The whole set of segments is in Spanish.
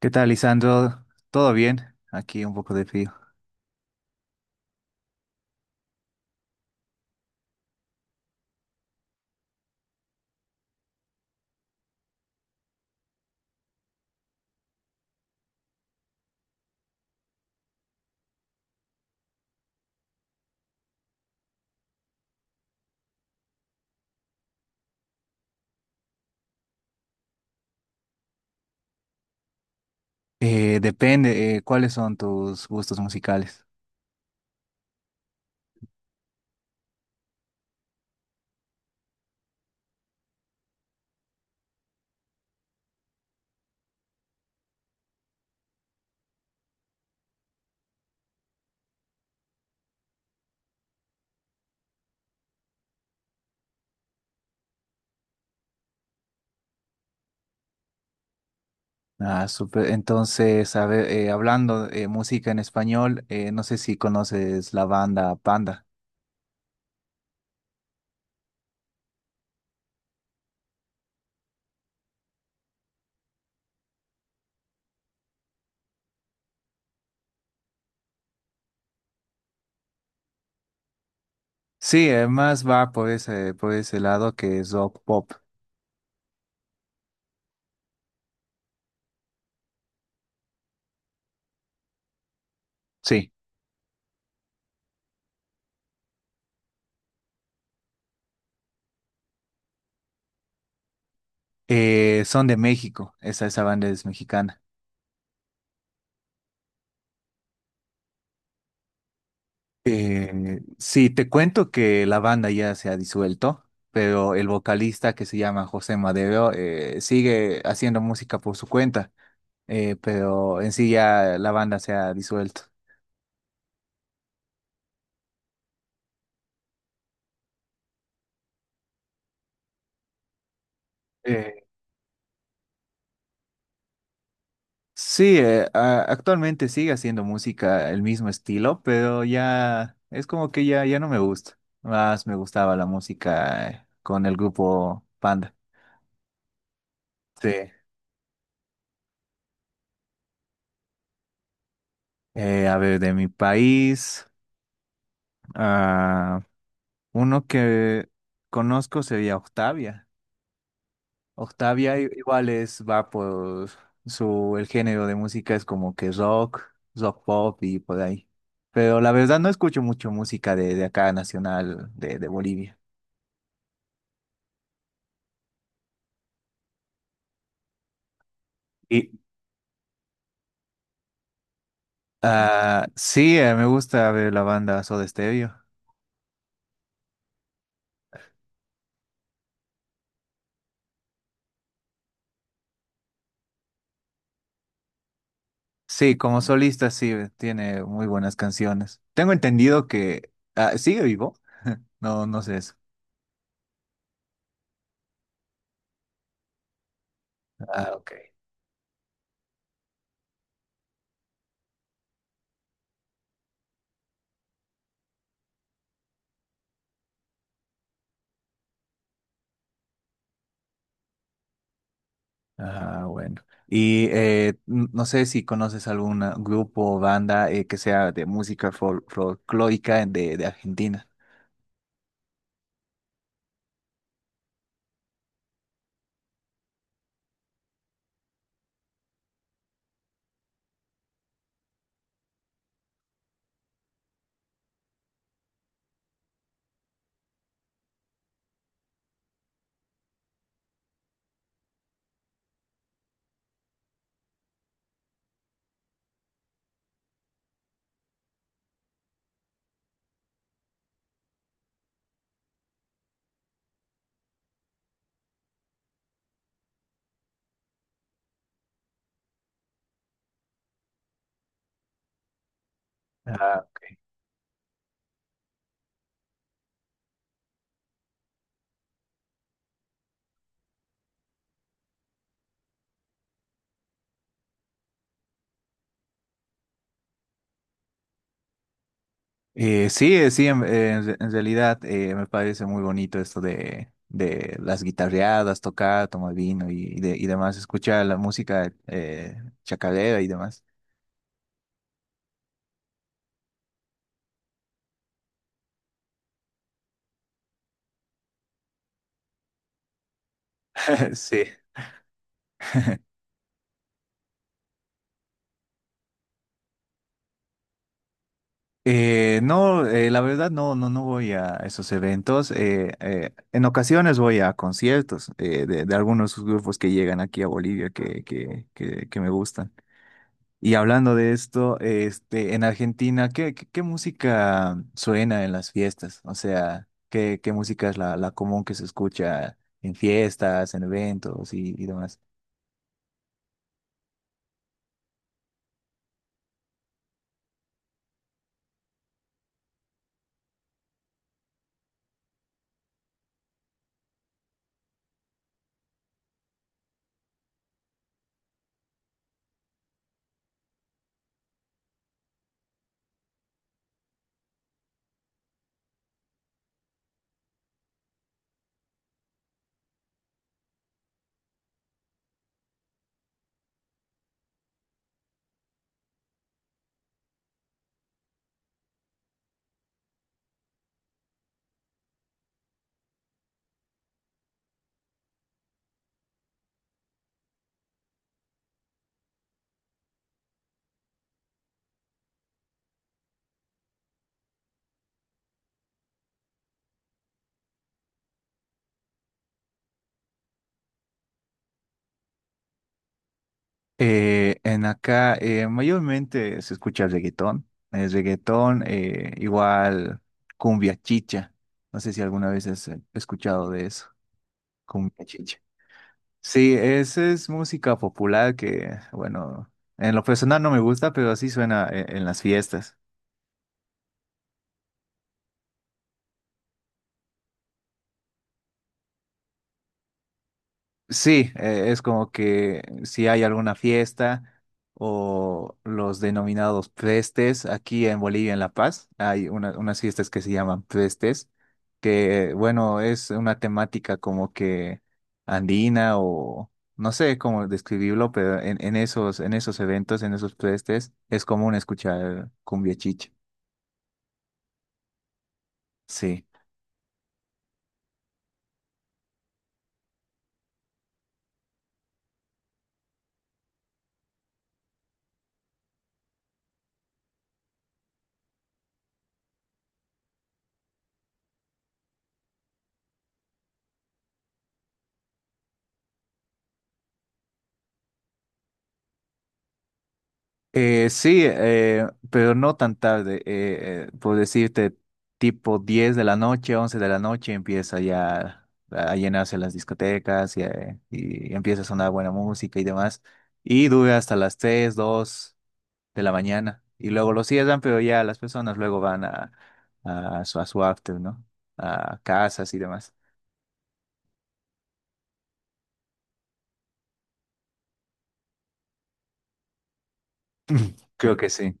¿Qué tal, Lisandro? ¿Todo bien? Aquí un poco de frío. Depende, ¿cuáles son tus gustos musicales? Ah, súper. Entonces, a ver, hablando de música en español, no sé si conoces la banda Panda. Sí, más va por ese lado que es rock pop. Sí. Son de México, esa banda es mexicana. Sí, te cuento que la banda ya se ha disuelto, pero el vocalista que se llama José Madero sigue haciendo música por su cuenta, pero en sí ya la banda se ha disuelto. Eh, Actualmente sigue haciendo música el mismo estilo, pero ya es como que ya no me gusta. Más me gustaba la música con el grupo Panda. Sí. A ver, de mi país. ah, Uno que conozco sería Octavia. Igual es, va por el género de música es como que rock, rock pop y por ahí. Pero la verdad no escucho mucho música de acá nacional de Bolivia. Y sí, me gusta ver la banda Soda Stereo. Sí, como solista sí, tiene muy buenas canciones. Tengo entendido que sigue vivo. No, no sé eso. Ah, ok. Ah, bueno. Y no sé si conoces algún grupo o banda que sea de música folclórica de Argentina. Ah, sí, sí, en- re- en realidad me parece muy bonito esto de las guitarreadas, tocar, tomar vino y demás, escuchar la música chacarera y demás. Sí. No, la verdad no voy a esos eventos. En ocasiones voy a conciertos de algunos grupos que llegan aquí a Bolivia que me gustan. Y hablando de esto, este, en Argentina, ¿qué música suena en las fiestas? O sea, ¿qué música es la común que se escucha en fiestas, en eventos y demás? En acá mayormente se escucha reggaetón, es reggaetón, igual cumbia chicha. No sé si alguna vez has escuchado de eso, cumbia chicha. Sí, esa es música popular que, bueno, en lo personal no me gusta, pero así suena en las fiestas. Sí, es como que si hay alguna fiesta o los denominados prestes, aquí en Bolivia, en La Paz, hay unas fiestas que se llaman prestes, que bueno, es una temática como que andina o no sé cómo describirlo, pero en esos eventos, en esos prestes, es común escuchar cumbia chicha. Sí. Sí, pero no tan tarde. Por decirte, tipo 10 de la noche, 11 de la noche, empieza ya a llenarse las discotecas y empieza a sonar buena música y demás. Y dura hasta las 3, 2 de la mañana. Y luego lo cierran, pero ya las personas luego van a su after, ¿no? A casas y demás. Creo que sí.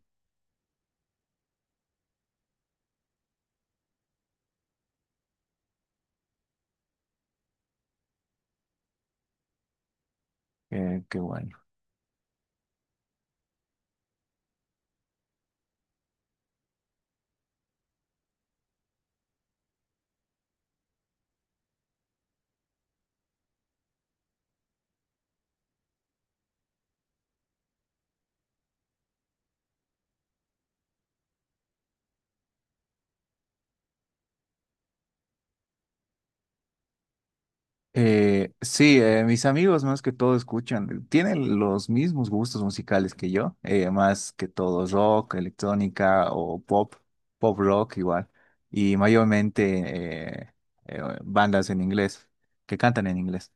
Qué bueno. Sí, mis amigos más que todo escuchan, tienen los mismos gustos musicales que yo, más que todo rock, electrónica o pop, pop rock igual, y mayormente bandas en inglés, que cantan en inglés.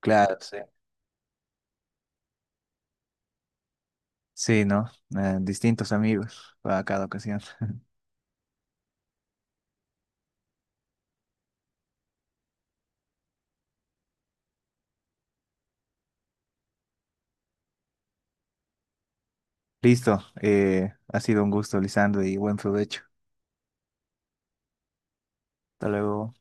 Claro, sí. Sí, ¿no? Distintos amigos para cada ocasión. Listo, ha sido un gusto, Lisandro, y buen provecho. Hasta luego.